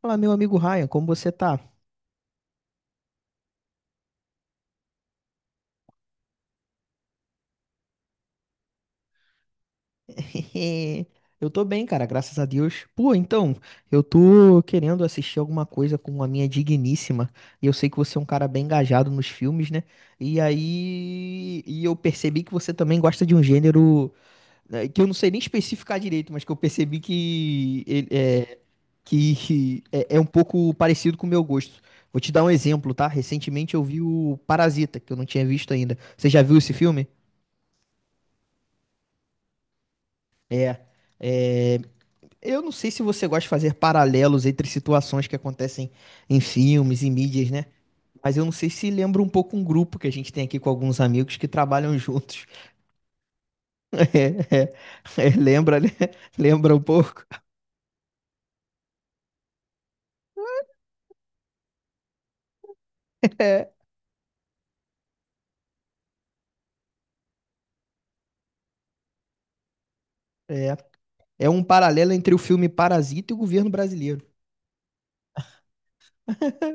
Fala, meu amigo Ryan, como você tá? Eu tô bem, cara, graças a Deus. Pô, então, eu tô querendo assistir alguma coisa com a minha digníssima. E eu sei que você é um cara bem engajado nos filmes, né? E aí. E eu percebi que você também gosta de um gênero, né, que eu não sei nem especificar direito, mas que eu percebi que é um pouco parecido com o meu gosto. Vou te dar um exemplo, tá? Recentemente eu vi o Parasita, que eu não tinha visto ainda. Você já viu esse filme? É. É, eu não sei se você gosta de fazer paralelos entre situações que acontecem em filmes e mídias, né? Mas eu não sei se lembra um pouco um grupo que a gente tem aqui com alguns amigos que trabalham juntos. É, é, lembra, né? Lembra um pouco? É, é. É um paralelo entre o filme Parasita e o governo brasileiro.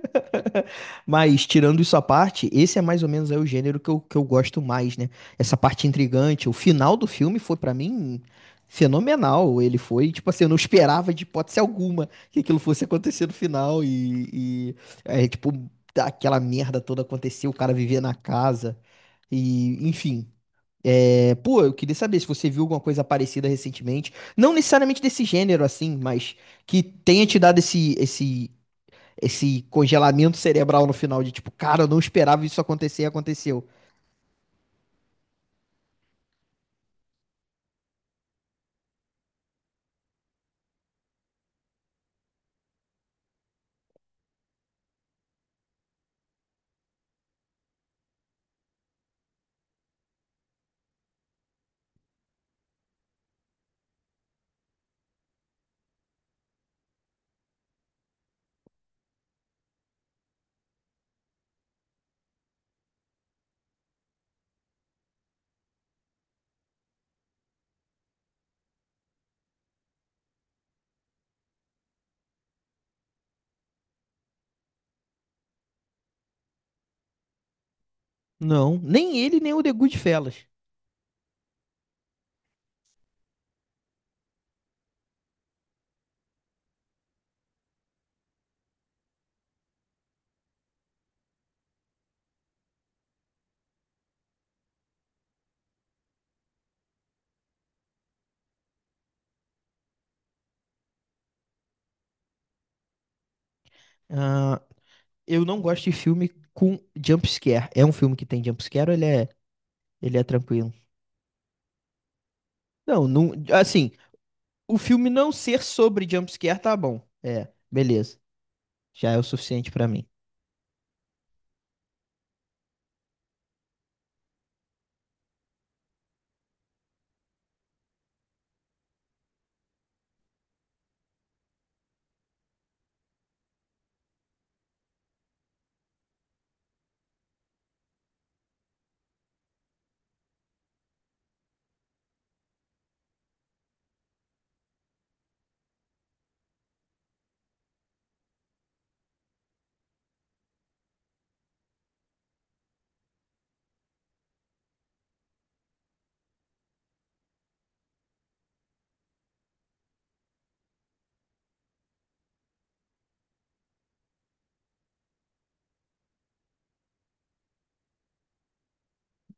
Mas, tirando isso à parte, esse é mais ou menos aí o gênero que eu gosto mais, né? Essa parte intrigante. O final do filme foi, pra mim, fenomenal. Ele foi, tipo assim, eu não esperava de hipótese alguma que aquilo fosse acontecer no final. E é, tipo, aquela merda toda aconteceu, o cara vivia na casa. E, enfim. É, pô, eu queria saber se você viu alguma coisa parecida recentemente. Não necessariamente desse gênero, assim, mas que tenha te dado esse congelamento cerebral no final de tipo, cara, eu não esperava isso acontecer e aconteceu. Não, nem ele, nem o The Goodfellas. Ah, eu não gosto de filme com jump scare. É um filme que tem jump scare ou ele é tranquilo? Não, não, assim, o filme não ser sobre jump scare tá bom. É, beleza. Já é o suficiente pra mim.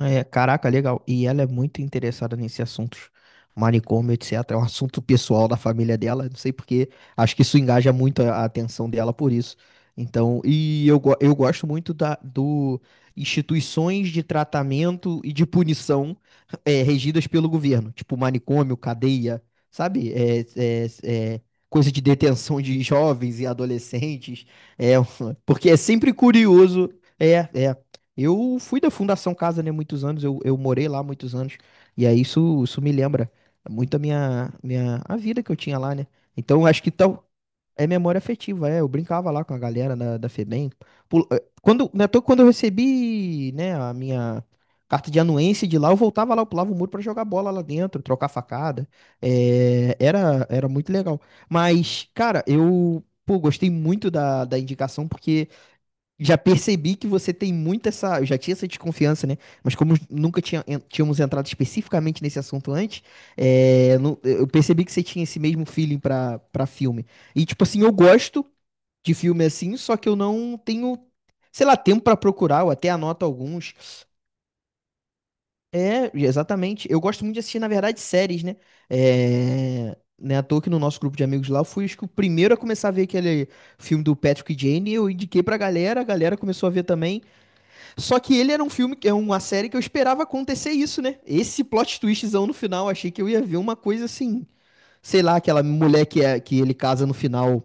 É, caraca, legal. E ela é muito interessada nesse assunto, manicômio, etc. É um assunto pessoal da família dela. Não sei porque, acho que isso engaja muito a atenção dela por isso. Então, eu gosto muito do instituições de tratamento e de punição, é, regidas pelo governo, tipo manicômio, cadeia, sabe? É coisa de detenção de jovens e adolescentes. É, porque é sempre curioso. É, é. Eu fui da Fundação Casa, né, muitos anos, eu morei lá muitos anos, e aí isso me lembra muito a a vida que eu tinha lá, né? Então, eu acho que tal, é memória afetiva, é, eu brincava lá com a galera da FEBEM. Quando eu recebi, né, a minha carta de anuência de lá, eu voltava lá, eu pulava o muro pra jogar bola lá dentro, trocar facada, era muito legal. Mas, cara, eu, pô, gostei muito da indicação, porque... Já percebi que você tem muito essa. Eu já tinha essa desconfiança, né? Mas como nunca tinha- en- tínhamos entrado especificamente nesse assunto antes, eu percebi que você tinha esse mesmo feeling pra filme. E, tipo assim, eu gosto de filme assim, só que eu não tenho, sei lá, tempo pra procurar, eu até anoto alguns. É, exatamente. Eu gosto muito de assistir, na verdade, séries, né? É. Né, à toa que no nosso grupo de amigos lá, eu fui acho que o primeiro a começar a ver aquele filme do Patrick e Jane, eu indiquei pra galera, a galera começou a ver também. Só que ele era um filme, é uma série que eu esperava acontecer isso, né? Esse plot twistzão no final, achei que eu ia ver uma coisa assim, sei lá, aquela mulher que, é, que ele casa no final,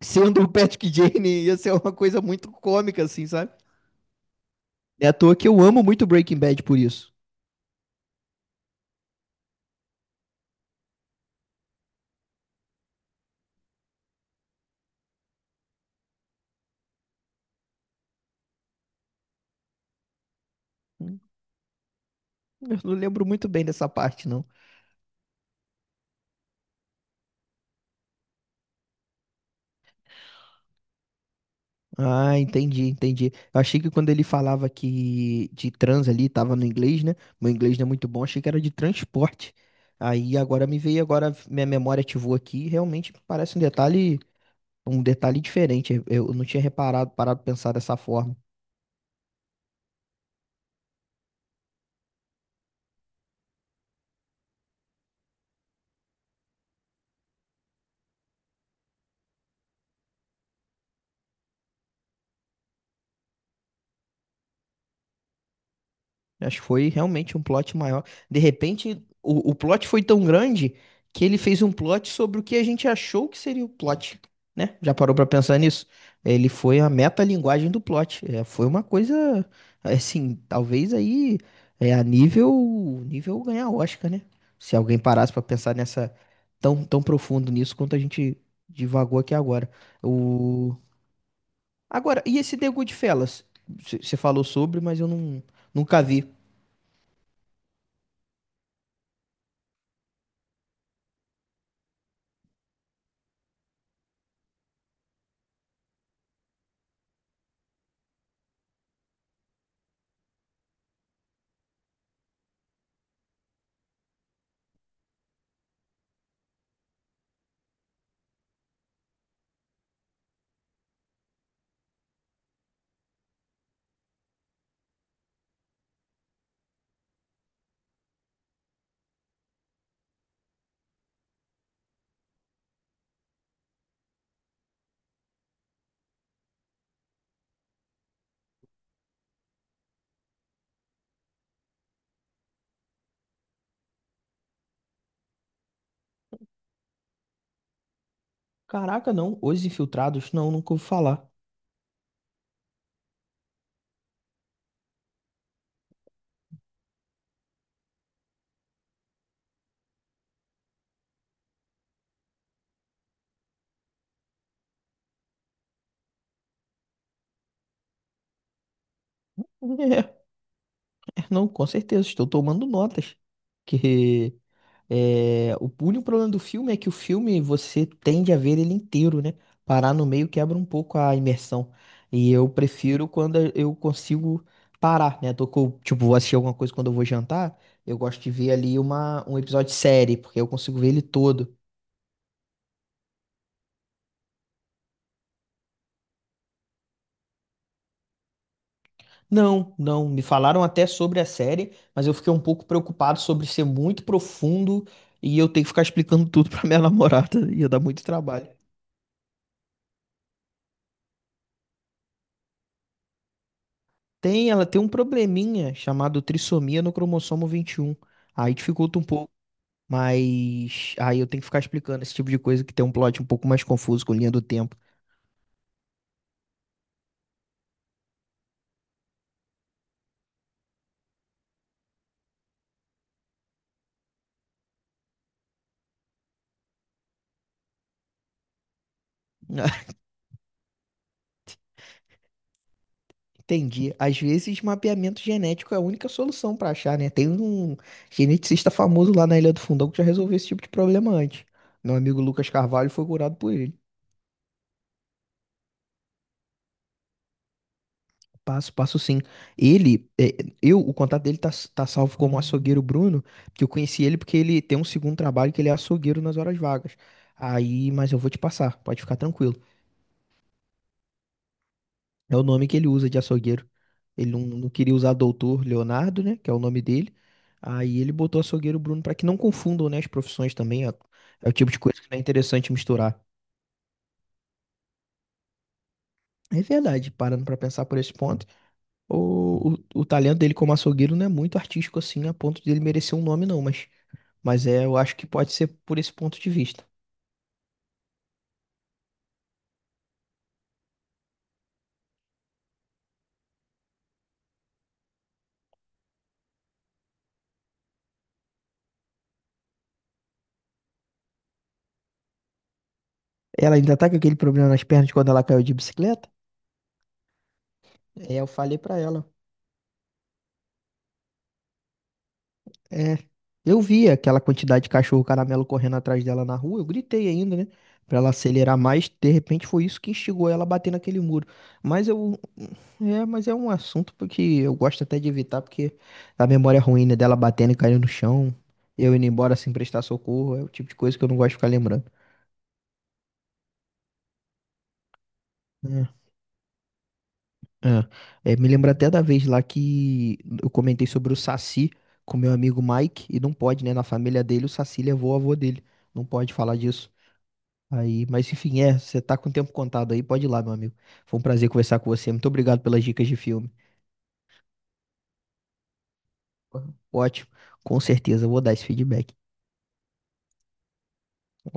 sendo o Patrick Jane, ia ser uma coisa muito cômica, assim, sabe? É à toa que eu amo muito Breaking Bad por isso. Eu não lembro muito bem dessa parte, não. Ah, entendi. Eu achei que quando ele falava que de trans ali, tava no inglês, né? Meu inglês não é muito bom, achei que era de transporte. Aí agora me veio, agora minha memória ativou aqui, realmente parece um detalhe diferente. Eu não tinha reparado, parado de pensar dessa forma. Acho que foi realmente um plot maior. De repente, o plot foi tão grande que ele fez um plot sobre o que a gente achou que seria o plot, né? Já parou pra pensar nisso? Ele foi a metalinguagem do plot. É, foi uma coisa, assim, talvez aí é, nível ganhar Oscar, né? Se alguém parasse pra pensar nessa tão profundo nisso quanto a gente divagou aqui agora. O... Agora, e esse The Goodfellas? Você falou sobre, mas eu não, nunca vi. Caraca, não. Os Infiltrados? Não, nunca ouvi falar. Não, com certeza. Estou tomando notas. Que é, o único problema do filme é que o filme você tende a ver ele inteiro, né? Parar no meio quebra um pouco a imersão. E eu prefiro quando eu consigo parar, né? Tô com, tipo, vou assistir alguma coisa quando eu vou jantar. Eu gosto de ver ali um episódio de série, porque eu consigo ver ele todo. Não, não. Me falaram até sobre a série, mas eu fiquei um pouco preocupado sobre ser muito profundo e eu ter que ficar explicando tudo pra minha namorada. Ia dar muito trabalho. Tem, ela tem um probleminha chamado trissomia no cromossomo 21. Aí dificulta um pouco, mas aí eu tenho que ficar explicando esse tipo de coisa que tem um plot um pouco mais confuso com linha do tempo. Entendi. Às vezes, mapeamento genético é a única solução para achar, né? Tem um geneticista famoso lá na Ilha do Fundão que já resolveu esse tipo de problema antes. Meu amigo Lucas Carvalho foi curado por ele. Passo sim. Ele, é, o contato dele tá salvo como açougueiro Bruno, que eu conheci ele porque ele tem um segundo trabalho que ele é açougueiro nas horas vagas. Aí, mas eu vou te passar, pode ficar tranquilo. É o nome que ele usa de açougueiro. Ele não, não queria usar doutor Leonardo, né? Que é o nome dele. Aí ele botou açougueiro Bruno para que não confundam, né, as profissões também. É, é o tipo de coisa que não é interessante misturar. É verdade, parando para pensar por esse ponto, o talento dele como açougueiro não é muito artístico assim, a ponto dele merecer um nome, não. Mas é, eu acho que pode ser por esse ponto de vista. Ela ainda tá com aquele problema nas pernas de quando ela caiu de bicicleta? É, eu falei para ela. É, eu vi aquela quantidade de cachorro caramelo correndo atrás dela na rua, eu gritei ainda, né? Pra ela acelerar mais, de repente foi isso que instigou ela a bater naquele muro. Mas eu. É, mas é um assunto porque eu gosto até de evitar, porque a memória ruim, né, dela batendo e caindo no chão, eu indo embora sem prestar socorro, é o tipo de coisa que eu não gosto de ficar lembrando. É, é. É, me lembra até da vez lá que eu comentei sobre o Saci com meu amigo Mike, e não pode, né? Na família dele, o Saci levou o avô dele. Não pode falar disso. Aí, mas enfim, é, você tá com o tempo contado aí, pode ir lá, meu amigo. Foi um prazer conversar com você. Muito obrigado pelas dicas de filme. Ótimo, com certeza, eu vou dar esse feedback.